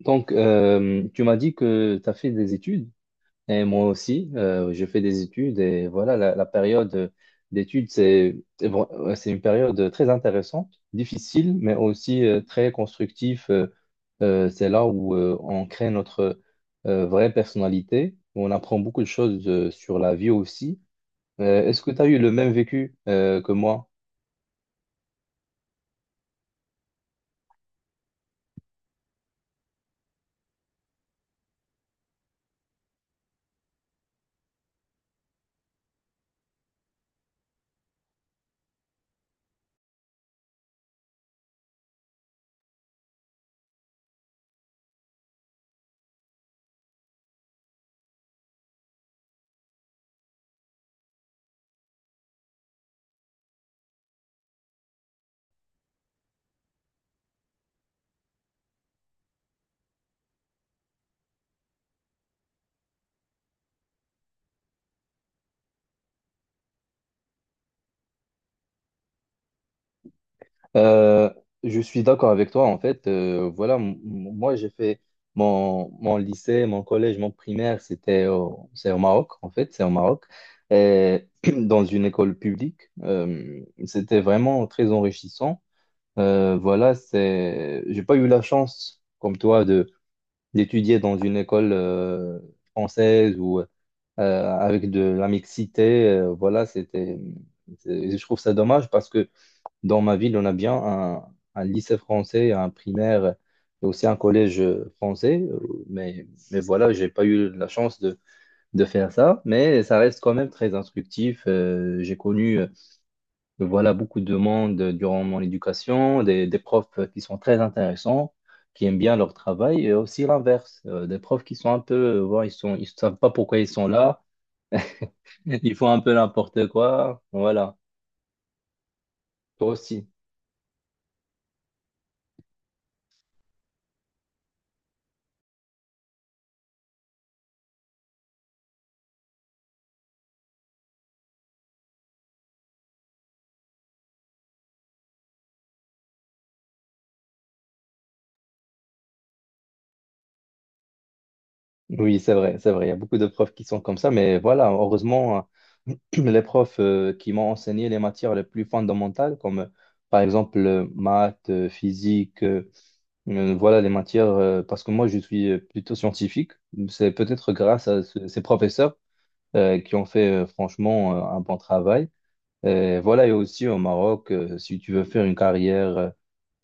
Donc, tu m'as dit que tu as fait des études, et moi aussi, j'ai fait des études, et voilà, la période d'études, ouais, c'est une période très intéressante, difficile, mais aussi très constructive. C'est là où on crée notre vraie personnalité, où on apprend beaucoup de choses sur la vie aussi. Est-ce que tu as eu le même vécu que moi? Euh, je suis d'accord avec toi. En fait, voilà, moi j'ai fait mon, mon lycée, mon collège, mon primaire, c'est au Maroc. En fait, c'est au Maroc, et dans une école publique. C'était vraiment très enrichissant. Voilà, c'est, j'ai pas eu la chance, comme toi, de d'étudier dans une école française ou avec de la mixité. Voilà, c'était, je trouve ça dommage parce que dans ma ville, on a bien un lycée français, un primaire et aussi un collège français. Mais voilà, j'ai pas eu la chance de faire ça. Mais ça reste quand même très instructif. J'ai connu voilà, beaucoup de monde durant mon éducation, des profs qui sont très intéressants, qui aiment bien leur travail, et aussi l'inverse, des profs qui sont un peu, voilà, ils savent pas pourquoi ils sont là, ils font un peu n'importe quoi. Voilà, toi aussi. Oui, c'est vrai, c'est vrai. Il y a beaucoup de profs qui sont comme ça, mais voilà, heureusement, les profs qui m'ont enseigné les matières les plus fondamentales, comme par exemple maths, physique, voilà les matières, parce que moi je suis plutôt scientifique. C'est peut-être grâce à ces professeurs qui ont fait franchement un bon travail. Et voilà, et aussi au Maroc, si tu veux faire une carrière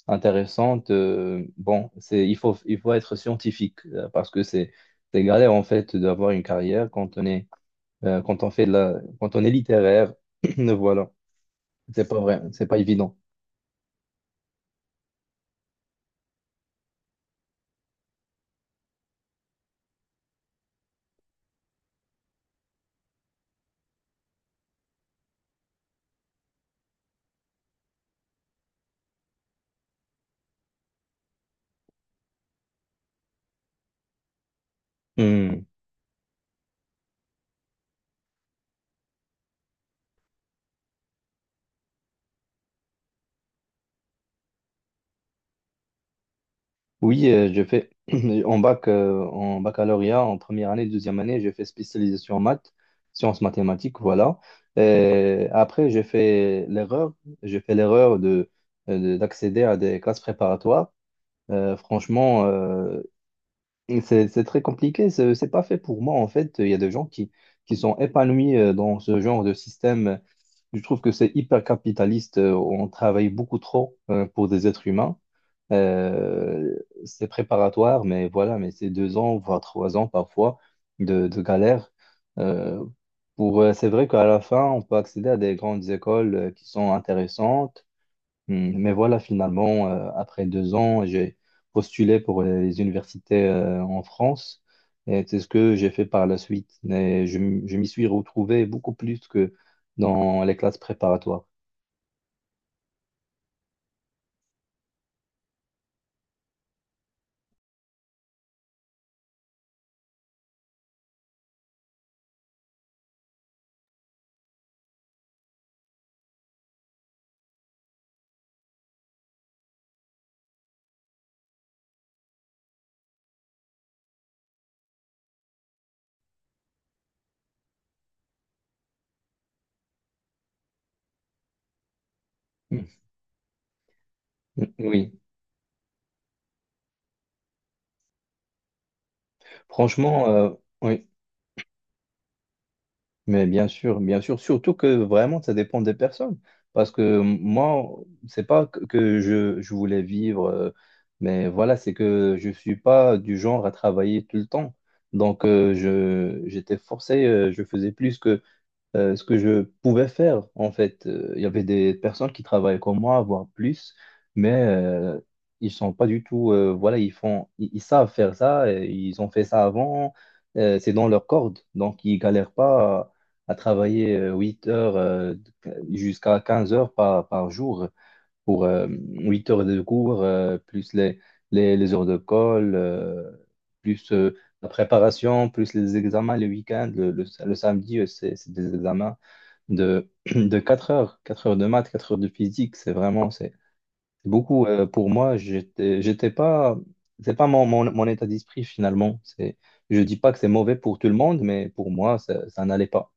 intéressante. Bon, c'est, il faut être scientifique parce que c'est galère en fait d'avoir une carrière quand on fait de la, quand on est littéraire. Voilà, c'est pas vrai, c'est pas évident. Hmm. Oui, je fais en baccalauréat, en première année, deuxième année, j'ai fait spécialisation en maths, sciences mathématiques, voilà. Et après, j'ai fait l'erreur de d'accéder à des classes préparatoires. Franchement, et c'est très compliqué, c'est pas fait pour moi en fait. Il y a des gens qui sont épanouis dans ce genre de système. Je trouve que c'est hyper capitaliste. On travaille beaucoup trop pour des êtres humains. Euh, c'est préparatoire, mais voilà, mais c'est deux ans, voire trois ans parfois de, galère. Euh, pour, c'est vrai qu'à la fin, on peut accéder à des grandes écoles qui sont intéressantes. Mais voilà, finalement, après deux ans, j'ai postulé pour les universités en France, et c'est ce que j'ai fait par la suite. Mais je m'y suis retrouvé beaucoup plus que dans les classes préparatoires. Hmm. Hmm. Oui, franchement, euh, mais bien sûr, surtout que vraiment, ça dépend des personnes. Parce que moi, c'est pas que je voulais vivre, mais voilà, c'est que je suis pas du genre à travailler tout le temps. Donc, j'étais forcé, je faisais plus que ce que je pouvais faire, en fait. Il y avait des personnes qui travaillaient comme moi, voire plus, mais ils sont pas du tout, voilà, ils savent faire ça, et ils ont fait ça avant, c'est dans leur corde, donc ils galèrent pas à travailler 8 heures jusqu'à 15 heures par jour pour 8 heures de cours, plus les heures de colle, plus la préparation, plus les examens les week-ends. Le samedi, c'est des examens de, de 4 heures, 4 heures de maths, 4 heures de physique. C'est vraiment, c'est beaucoup pour moi. J'étais pas, c'est pas mon état d'esprit finalement. C'est, je dis pas que c'est mauvais pour tout le monde, mais pour moi, ça n'allait pas.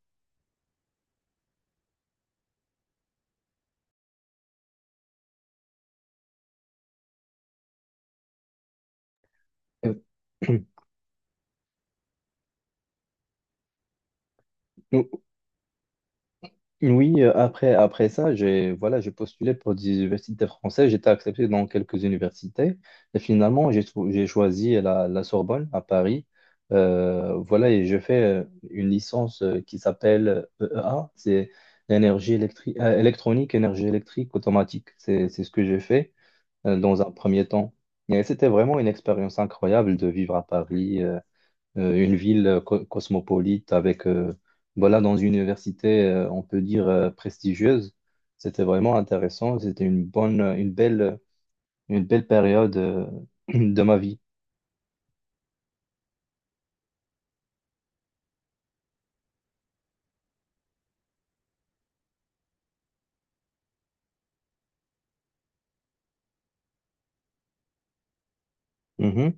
Oui, après ça, j'ai postulé pour des universités françaises. J'étais accepté dans quelques universités. Et finalement, j'ai choisi la Sorbonne à Paris. Voilà, et je fais une licence qui s'appelle EEA. C'est l'énergie électrique, électronique, énergie électrique automatique. C'est ce que j'ai fait dans un premier temps. Et c'était vraiment une expérience incroyable de vivre à Paris. Une ville cosmopolite avec, voilà, dans une université, on peut dire, prestigieuse. C'était vraiment intéressant. C'était une belle période, de ma vie. Mhm,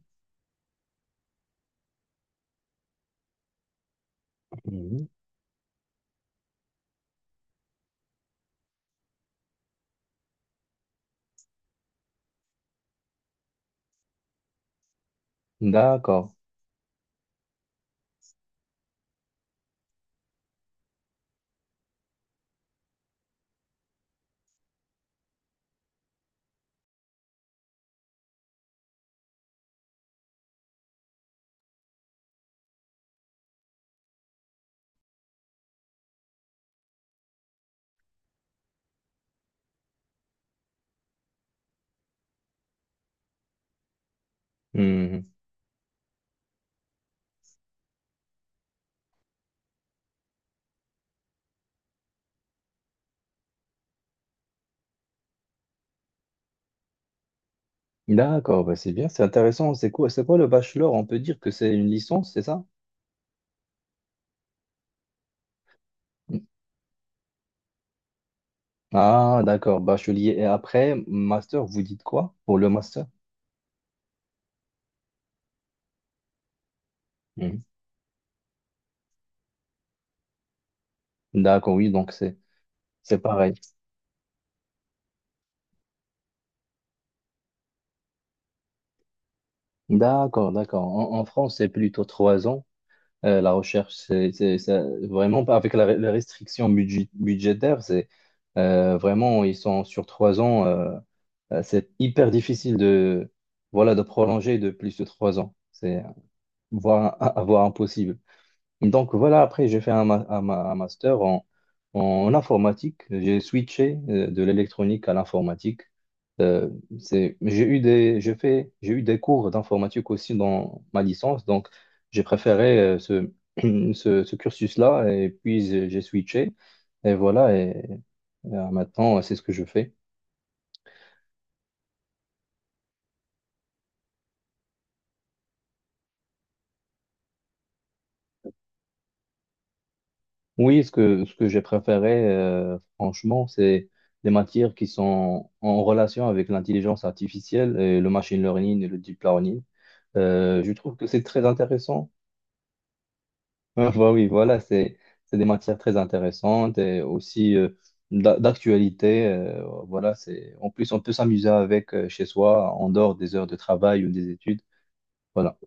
mhm. D'accord. Mhm. D'accord, bah, c'est bien, c'est intéressant. C'est quoi le bachelor? On peut dire que c'est une licence, c'est ça? Ah, d'accord, bachelier. Et après, master, vous dites quoi pour le master? Mhm. D'accord, oui, donc c'est pareil. D'accord, d'accord. En France, c'est plutôt trois ans. La recherche, vraiment pas avec la restriction budgétaire, c'est vraiment, ils sont sur trois ans. C'est hyper difficile voilà, de prolonger de plus de trois ans. Voire, voire impossible. Donc voilà, après j'ai fait un master en informatique. J'ai switché de l'électronique à l'informatique. Euh, c'est, j'ai eu des cours d'informatique aussi dans ma licence, donc j'ai préféré ce, ce cursus-là et puis j'ai switché. Et voilà, maintenant c'est ce que je fais. Oui, ce que j'ai préféré, franchement, c'est les matières qui sont en relation avec l'intelligence artificielle et le machine learning et le deep learning. Je trouve que c'est très intéressant. Ah, bah oui, voilà, c'est, des matières très intéressantes et aussi d'actualité. Voilà, c'est, en plus, on peut s'amuser avec chez soi en dehors des heures de travail ou des études. Voilà.